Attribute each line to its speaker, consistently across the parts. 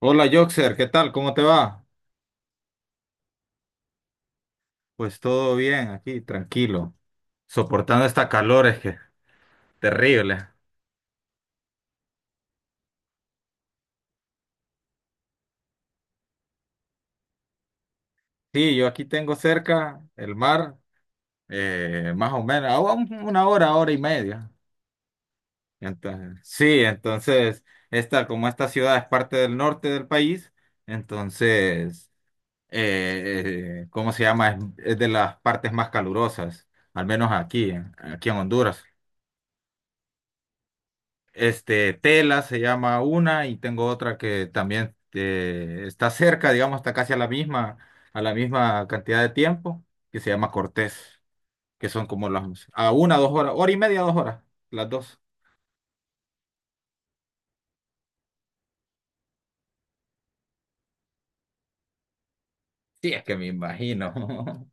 Speaker 1: Hola Joxer, ¿qué tal? ¿Cómo te va? Pues todo bien aquí, tranquilo, soportando esta calor, es que terrible. Sí, yo aquí tengo cerca el mar, más o menos, a una hora, hora y media. Entonces, sí, entonces, esta, como esta ciudad es parte del norte del país, entonces, ¿cómo se llama? Es de las partes más calurosas, al menos aquí, aquí en Honduras. Este, Tela se llama una y tengo otra que también está cerca, digamos, está casi a la misma cantidad de tiempo, que se llama Cortés, que son como las, a una, dos horas, hora y media, dos horas, las dos. Sí, es que me imagino.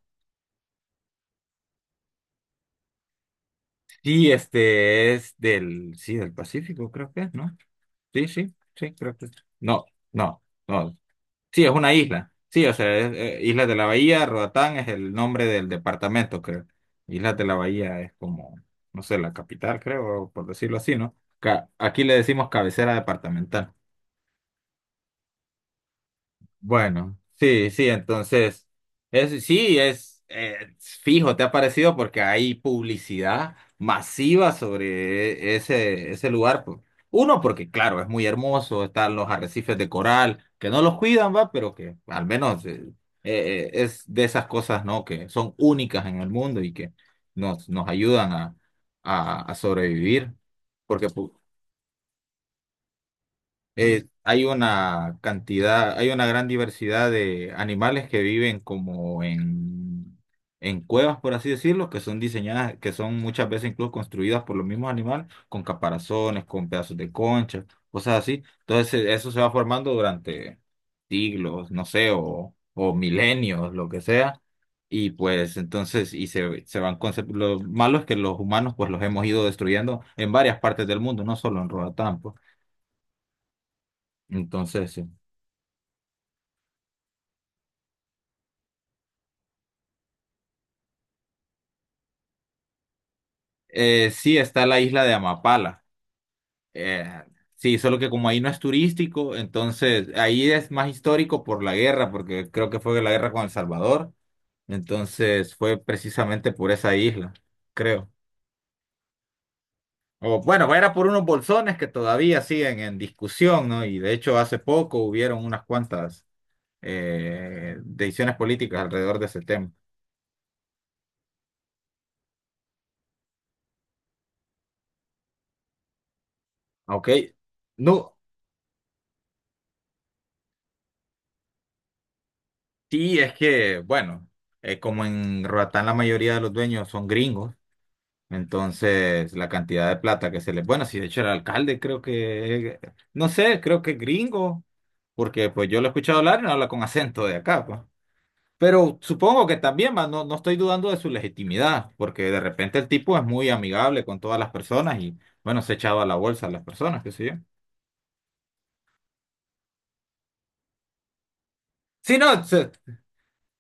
Speaker 1: Sí, este es del, sí, del Pacífico, creo que es, ¿no? Sí, sí, sí, creo que es. No, no, no. Sí, es una isla. Sí, o sea, es, Islas de la Bahía, Roatán es el nombre del departamento, creo. Islas de la Bahía es como, no sé, la capital, creo, por decirlo así, ¿no? Aquí le decimos cabecera departamental. Bueno, sí, sí, entonces, es, sí, es fijo, te ha parecido porque hay publicidad masiva sobre ese lugar, pues. Uno, porque claro, es muy hermoso, están los arrecifes de coral, que no los cuidan, va, pero que al menos es de esas cosas, ¿no? Que son únicas en el mundo y que nos ayudan a, a sobrevivir. Porque hay una cantidad, hay una gran diversidad de animales que viven como en, cuevas, por así decirlo, que son diseñadas, que son muchas veces incluso construidas por los mismos animales, con caparazones, con pedazos de concha, cosas así. Entonces eso se va formando durante siglos, no sé, o milenios, lo que sea. Y pues entonces, y se van lo malo es que los humanos pues los hemos ido destruyendo en varias partes del mundo, no solo en Roatán, pues. Entonces, sí. Sí, está la isla de Amapala. Eh, sí, solo que como ahí no es turístico, entonces ahí es más histórico por la guerra, porque creo que fue la guerra con El Salvador. Entonces fue precisamente por esa isla, creo. O bueno, era por unos bolsones que todavía siguen en discusión, ¿no? Y de hecho hace poco hubieron unas cuantas decisiones políticas alrededor de ese tema. Ok. No, sí, es que, bueno, como en Roatán la mayoría de los dueños son gringos. Entonces, la cantidad de plata que se le... Bueno, si de hecho el alcalde creo que... No sé, creo que es gringo, porque pues yo lo he escuchado hablar y no habla con acento de acá, pues. Pero supongo que también, va, no, no estoy dudando de su legitimidad, porque de repente el tipo es muy amigable con todas las personas y, bueno, se echaba a la bolsa a las personas, qué sé yo. Sí, no,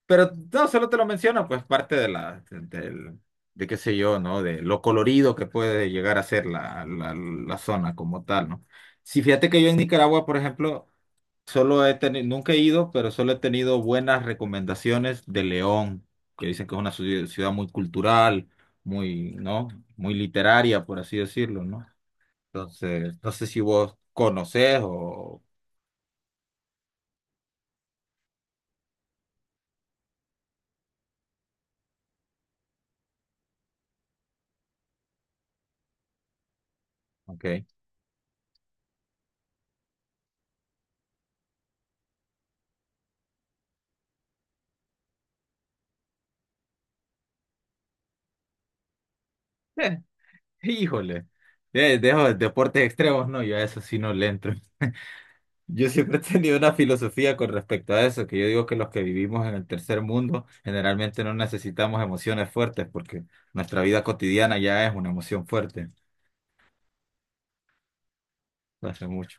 Speaker 1: pero no, solo te lo menciono, pues parte de la, del, de qué sé yo, ¿no? De lo colorido que puede llegar a ser la zona como tal, ¿no? Sí, fíjate que yo en Nicaragua, por ejemplo, solo he tenido, nunca he ido, pero solo he tenido buenas recomendaciones de León, que dicen que es una ciudad muy cultural, muy, ¿no? Muy literaria, por así decirlo, ¿no? Entonces, no sé si vos conocés o... Ok. Híjole, de, dejo deportes extremos, no, yo a eso sí no le entro. Yo siempre he tenido una filosofía con respecto a eso, que yo digo que los que vivimos en el tercer mundo generalmente no necesitamos emociones fuertes porque nuestra vida cotidiana ya es una emoción fuerte. Lo hace mucho.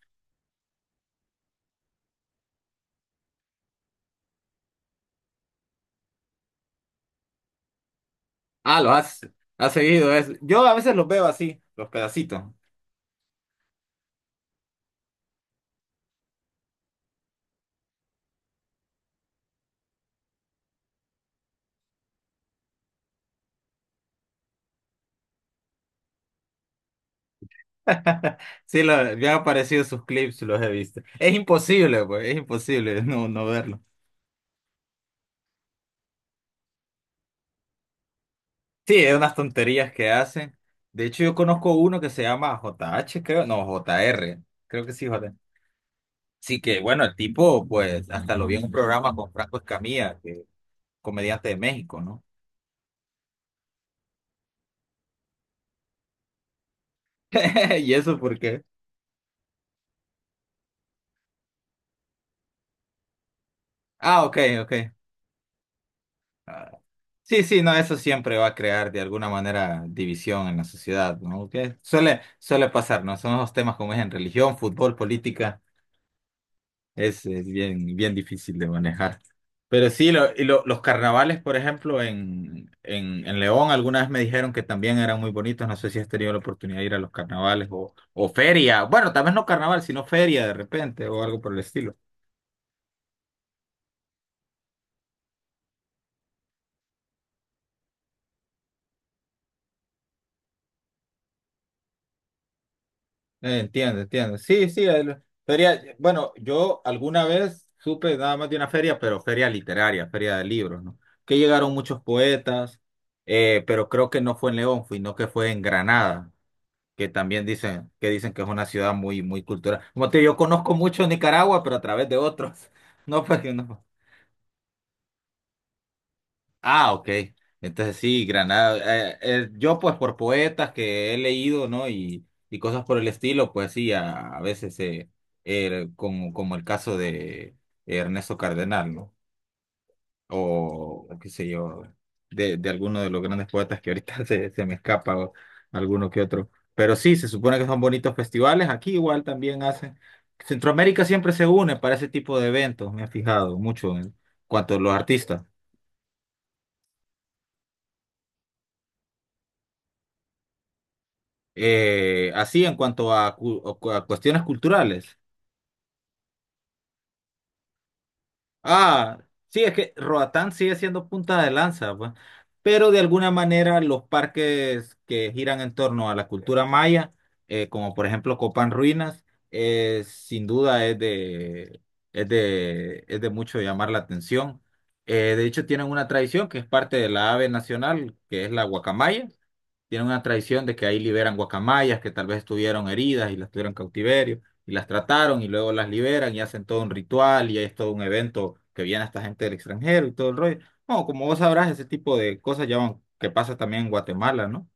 Speaker 1: Ah, lo has, has seguido eso. Yo a veces los veo así, los pedacitos. Sí, me han aparecido sus clips, los he visto. Es imposible, pues, es imposible no, no verlo. Sí, es unas tonterías que hacen. De hecho, yo conozco uno que se llama JH, creo, no, J R, creo que sí, JR. Sí, que bueno, el tipo, pues, hasta lo vi en un programa con Franco Escamilla, que comediante de México, ¿no? ¿Y eso por qué? Ah, ok, ok. Ah, sí, sí, no, eso siempre va a crear de alguna manera división en la sociedad, ¿no? Que suele pasar, ¿no? Son los temas como es en religión, fútbol, política. Es bien, bien difícil de manejar. Pero sí, y los carnavales, por ejemplo, en, en León, alguna vez me dijeron que también eran muy bonitos. No sé si has tenido la oportunidad de ir a los carnavales o feria. Bueno, tal vez no carnaval, sino feria de repente o algo por el estilo. Entiendo, entiendo. Sí, sí, feria. Bueno, yo alguna vez supe nada más de una feria, pero feria literaria, feria de libros, ¿no? Que llegaron muchos poetas, pero creo que no fue en León, sino que fue en Granada. Que también dicen que es una ciudad muy muy cultural. Como te digo, yo conozco mucho Nicaragua, pero a través de otros. No, porque no. Ah, ok. Entonces sí, Granada. Yo pues por poetas que he leído, ¿no? Y cosas por el estilo, pues sí, a, veces como el caso de Ernesto Cardenal, ¿no? O qué sé yo, de, alguno de los grandes poetas que ahorita se me escapa, o alguno que otro. Pero sí, se supone que son bonitos festivales, aquí igual también hacen. Centroamérica siempre se une para ese tipo de eventos, me he fijado mucho en cuanto a los artistas. Así en cuanto a, a cuestiones culturales. Ah, sí, es que Roatán sigue siendo punta de lanza, pues. Pero de alguna manera los parques que giran en torno a la cultura maya, como por ejemplo Copán Ruinas, sin duda es de, es de mucho llamar la atención. De hecho, tienen una tradición que es parte de la ave nacional, que es la guacamaya, tienen una tradición de que ahí liberan guacamayas que tal vez estuvieron heridas y las tuvieron en cautiverio y las trataron y luego las liberan y hacen todo un ritual y es todo un evento que viene esta gente del extranjero y todo el rollo. No, como vos sabrás, ese tipo de cosas ya que pasa también en Guatemala, ¿no?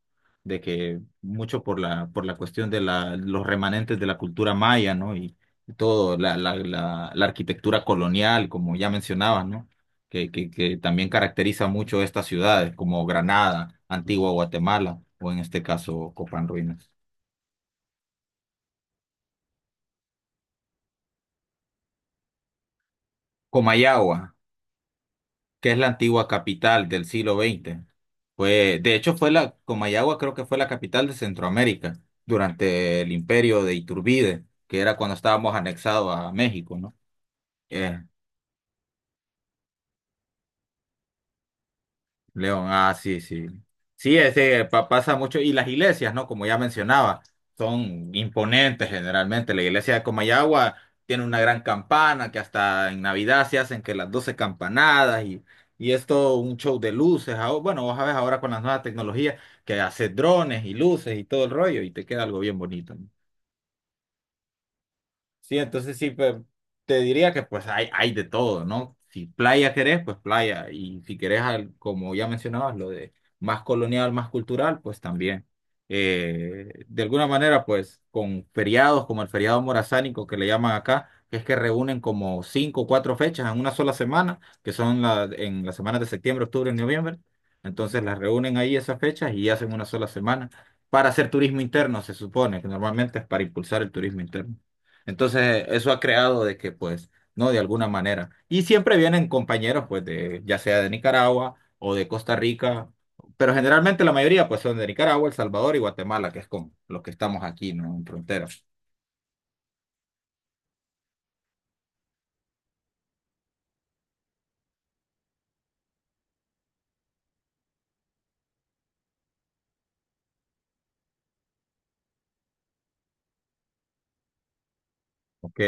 Speaker 1: De que mucho por la cuestión de la, los remanentes de la cultura maya, ¿no? Y, todo, la, la arquitectura colonial, como ya mencionabas, ¿no? Que, que también caracteriza mucho estas ciudades como Granada, Antigua Guatemala o en este caso Copán Ruinas. Comayagua, que es la antigua capital del siglo 20. Fue, de hecho, fue la, Comayagua creo que fue la capital de Centroamérica durante el imperio de Iturbide, que era cuando estábamos anexados a México, ¿no? Eh, León, ah, sí, sí. Sí, ese pasa mucho. Y las iglesias, ¿no? Como ya mencionaba, son imponentes generalmente. La iglesia de Comayagua tiene una gran campana que hasta en Navidad se hacen que las 12 campanadas, y es todo un show de luces. Ah, bueno, vos sabés ahora con las nuevas tecnologías que hace drones y luces y todo el rollo y te queda algo bien bonito, ¿no? Sí, entonces sí, pues te diría que pues hay de todo, ¿no? Si playa querés, pues playa. Y si querés, como ya mencionabas, lo de más colonial, más cultural, pues también. De alguna manera, pues con feriados como el feriado morazánico que le llaman acá, que es que reúnen como cinco o cuatro fechas en una sola semana, que son la, en las semanas de septiembre, octubre y noviembre. Entonces las reúnen ahí esas fechas y hacen una sola semana para hacer turismo interno, se supone, que normalmente es para impulsar el turismo interno. Entonces, eso ha creado de que, pues, no, de alguna manera. Y siempre vienen compañeros, pues, de, ya sea de Nicaragua o de Costa Rica, pero generalmente la mayoría, pues, son de Nicaragua, El Salvador y Guatemala, que es con los que estamos aquí, ¿no? En fronteras. Ok.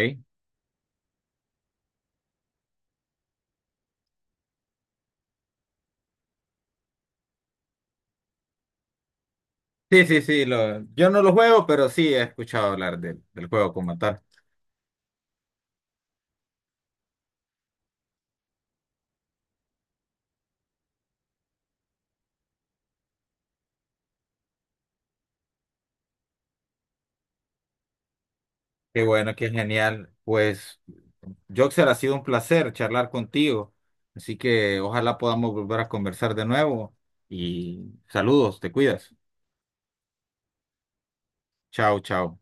Speaker 1: Sí, sí, sí, lo, yo no lo juego, pero sí he escuchado hablar del, del juego como tal. Qué bueno, qué genial. Pues, Joxer, ha sido un placer charlar contigo. Así que ojalá podamos volver a conversar de nuevo. Y saludos, te cuidas. Chao, chao.